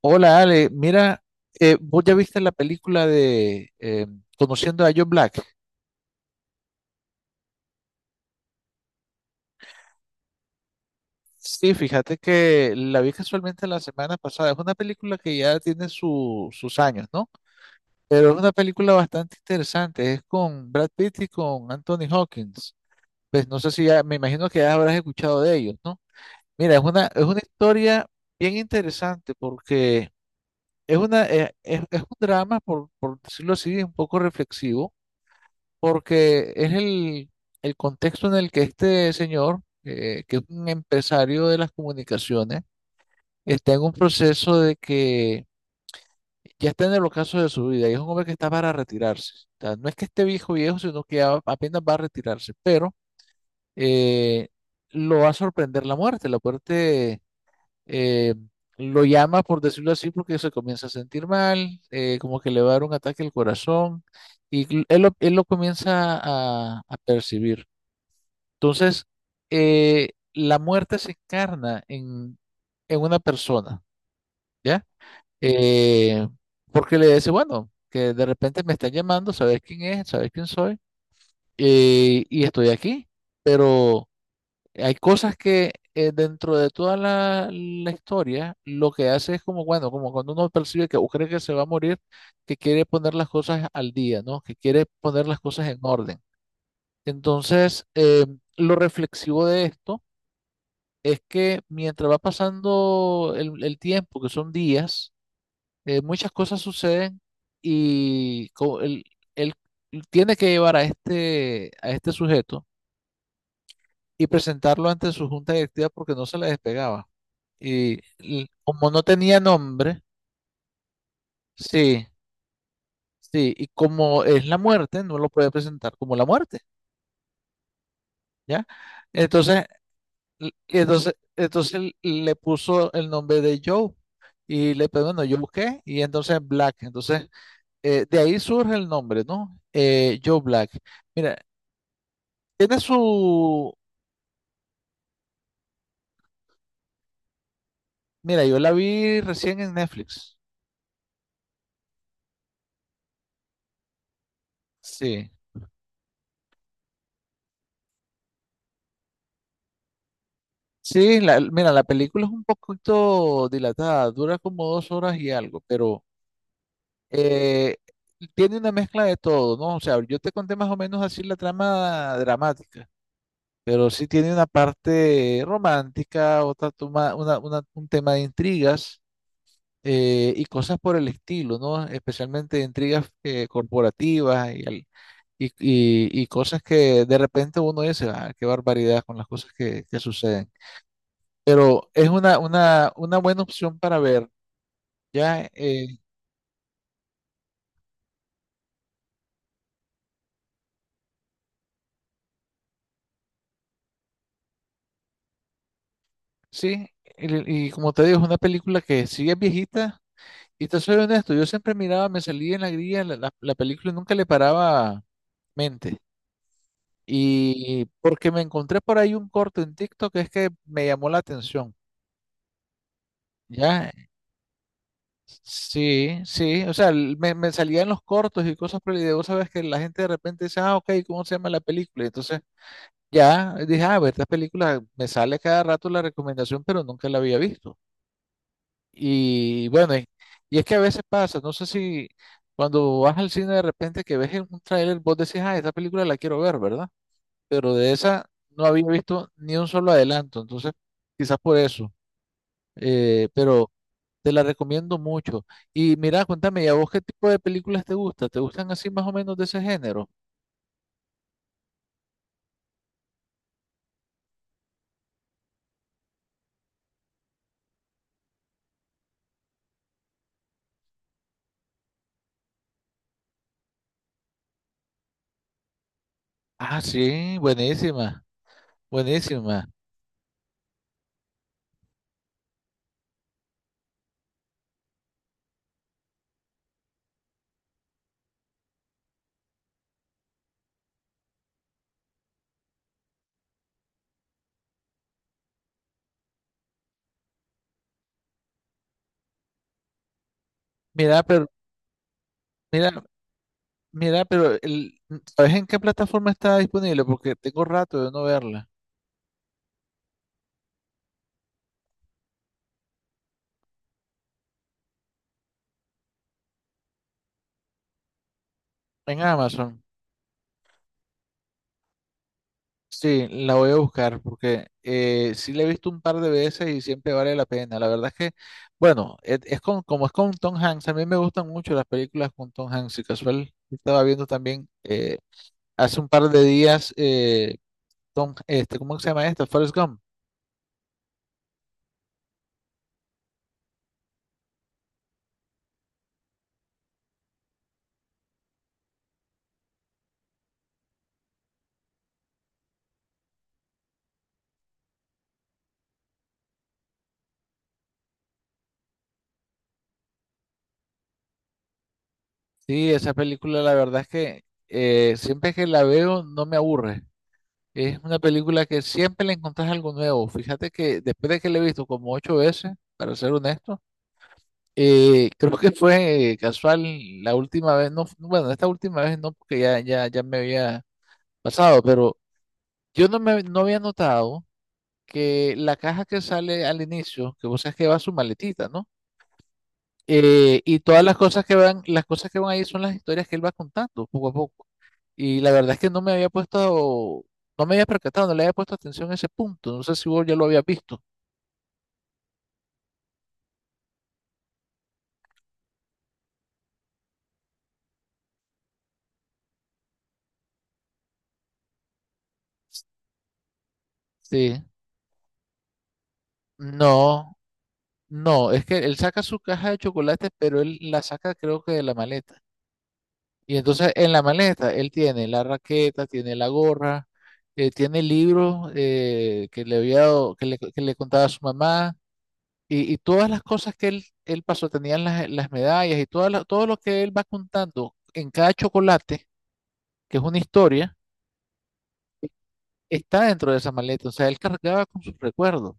Hola Ale, mira, vos ya viste la película de Conociendo a Joe Black. Sí, fíjate que la vi casualmente la semana pasada. Es una película que ya tiene sus años, ¿no? Pero es una película bastante interesante. Es con Brad Pitt y con Anthony Hawkins. Pues no sé si ya, me imagino que ya habrás escuchado de ellos, ¿no? Mira, es una historia bien interesante porque es un drama, por decirlo así, un poco reflexivo porque el contexto en el que este señor, que es un empresario de las comunicaciones, está en un proceso de que ya está en el ocaso de su vida y es un hombre que está para retirarse. O sea, no es que esté viejo viejo, sino que apenas va a retirarse, pero eh, lo va a sorprender la muerte. La muerte eh, lo llama, por decirlo así, porque se comienza a sentir mal, como que le va a dar un ataque al corazón. Y él lo comienza a percibir. Entonces, la muerte se encarna en una persona, ¿ya? Eh, porque le dice, bueno, que de repente me están llamando, sabes quién es, sabes quién soy, y estoy aquí. Pero hay cosas que dentro de la historia, lo que hace es como, bueno, como cuando uno percibe que o cree que se va a morir, que quiere poner las cosas al día, ¿no? Que quiere poner las cosas en orden. Entonces, lo reflexivo de esto es que mientras va pasando el tiempo, que son días, muchas cosas suceden y él tiene que llevar a a este sujeto y presentarlo ante su junta directiva porque no se le despegaba. Y como no tenía nombre, sí, sí, y como es la muerte, no lo puede presentar como la muerte, ¿ya? Entonces entonces le puso el nombre de Joe y le pero bueno, Joe qué y entonces Black. Entonces, de ahí surge el nombre, ¿no? Joe Black. Mira, tiene su... Mira, yo la vi recién en Netflix. Sí. Sí, mira, la película es un poquito dilatada, dura como dos horas y algo, pero eh, tiene una mezcla de todo, ¿no? O sea, yo te conté más o menos así la trama dramática pero sí tiene una parte romántica, otra toma, un tema de intrigas y cosas por el estilo, ¿no? Especialmente intrigas corporativas y cosas que de repente uno dice, ah, qué barbaridad con las cosas que suceden. Pero es una buena opción para ver, ¿ya? Eh, sí, y como te digo, es una película que sí es viejita. Y te soy honesto, yo siempre miraba, me salía en la grilla la película y nunca le paraba mente. Y porque me encontré por ahí un corto en TikTok que es que me llamó la atención. Ya, sí, sí, o sea, me salían los cortos y cosas, pero y vos sabes que la gente de repente dice, ah, ok, ¿cómo se llama la película? Y entonces ya dije, ah, a ver, esta película me sale cada rato la recomendación, pero nunca la había visto. Y bueno, y es que a veces pasa, no sé si cuando vas al cine de repente que ves en un tráiler, vos decís, ah, esta película la quiero ver, ¿verdad? Pero de esa no había visto ni un solo adelanto, entonces quizás por eso, pero te la recomiendo mucho. Y mira, cuéntame, ¿y a vos qué tipo de películas te gusta? ¿Te gustan así más o menos de ese género? Ah, sí, buenísima, buenísima. Mira, pero, mira, mira, ¿sabes en qué plataforma está disponible? Porque tengo rato de no verla. En Amazon. Sí, la voy a buscar porque sí la he visto un par de veces y siempre vale la pena. La verdad es que, bueno, como es con Tom Hanks, a mí me gustan mucho las películas con Tom Hanks y casual estaba viendo también hace un par de días Tom, este, ¿cómo se llama esta? Forrest Gump. Sí, esa película la verdad es que siempre que la veo no me aburre. Es una película que siempre le encontrás algo nuevo. Fíjate que después de que la he visto como ocho veces, para ser honesto. Creo que fue casual la última vez, no, bueno, esta última vez no, porque ya, ya, ya me había pasado, pero yo no había notado que la caja que sale al inicio, que vos sabes que va su maletita, ¿no? Y todas las cosas que van, las cosas que van ahí son las historias que él va contando poco a poco. Y la verdad es que no me había puesto, no me había percatado, no le había puesto atención a ese punto. No sé si vos ya lo habías visto. Sí. No. No, es que él saca su caja de chocolates, pero él la saca creo que de la maleta. Y entonces en la maleta él tiene la raqueta, tiene la gorra, tiene libros que le contaba a su mamá y todas las cosas que él pasó, tenían las medallas y todo lo que él va contando en cada chocolate, que es una historia, está dentro de esa maleta. O sea, él cargaba con sus recuerdos.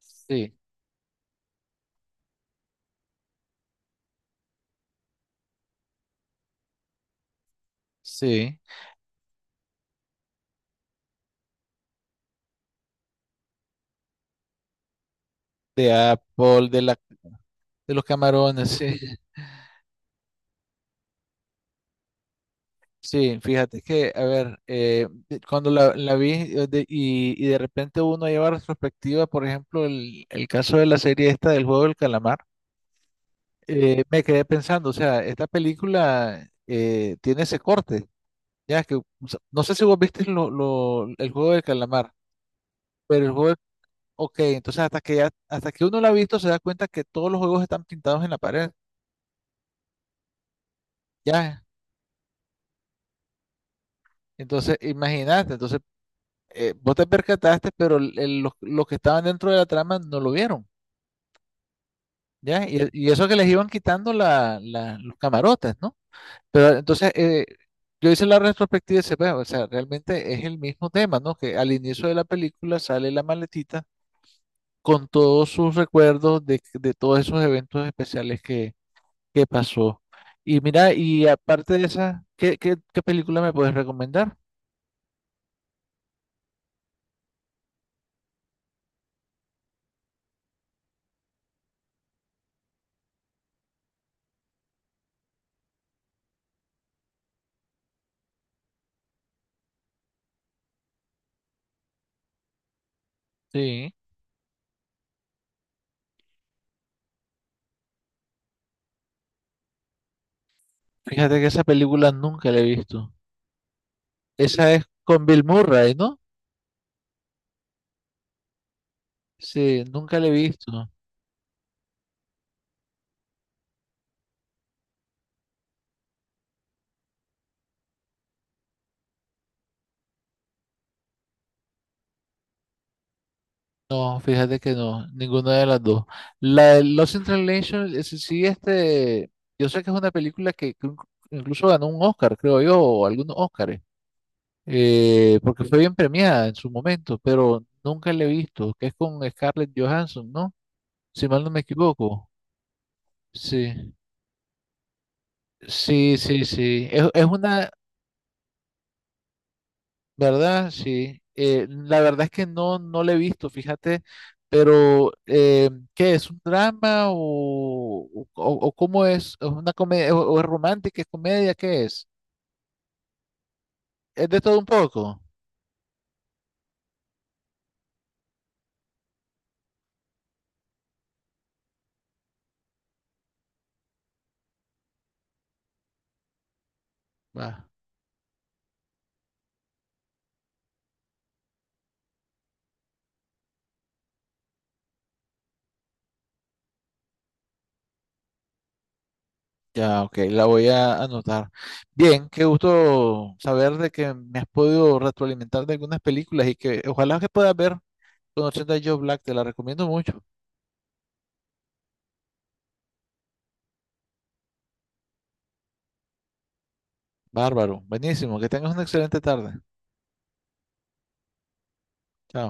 Sí, sí. De Apple, de los camarones, sí. Sí, fíjate que, a ver, cuando la vi y de repente uno lleva retrospectiva, por ejemplo, el caso de la serie esta del juego del calamar, me quedé pensando, o sea, esta película tiene ese corte, ya que, o sea, no sé si vos viste el juego del calamar, pero ok, entonces hasta que ya, hasta que uno la ha visto se da cuenta que todos los juegos están pintados en la pared, ya, entonces imagínate, entonces vos te percataste, pero los que estaban dentro de la trama no lo vieron, ¿ya? Y eso que les iban quitando los camarotes, ¿no? Pero entonces, yo hice la retrospectiva y se ve, o sea, realmente es el mismo tema, ¿no? Que al inicio de la película sale la maletita con todos sus recuerdos de todos esos eventos especiales que pasó. Y mira, y aparte de esa, qué película me puedes recomendar? Sí, fíjate que esa película nunca la he visto. Esa es con Bill Murray, ¿no? Sí, nunca la he visto. No, fíjate que no, ninguna de las dos. La de Lost in Translation, ese sí, este, yo sé que es una película que incluso ganó un Oscar, creo yo, o algunos Oscars, porque fue bien premiada en su momento, pero nunca la he visto, que es con Scarlett Johansson, ¿no? Si mal no me equivoco. Sí, sí, sí, sí. Es una, ¿Verdad? Sí. La verdad es que no, no le he visto, fíjate, pero ¿qué es? ¿Un drama o cómo es? ¿Es una comedia o es romántica? ¿Es comedia? ¿Qué es? ¿Es de todo un poco? Va. Ya, ok, la voy a anotar. Bien, qué gusto saber de que me has podido retroalimentar de algunas películas y que ojalá que puedas ver con 80 Joe Black, te la recomiendo mucho. Bárbaro, buenísimo, que tengas una excelente tarde. Chao.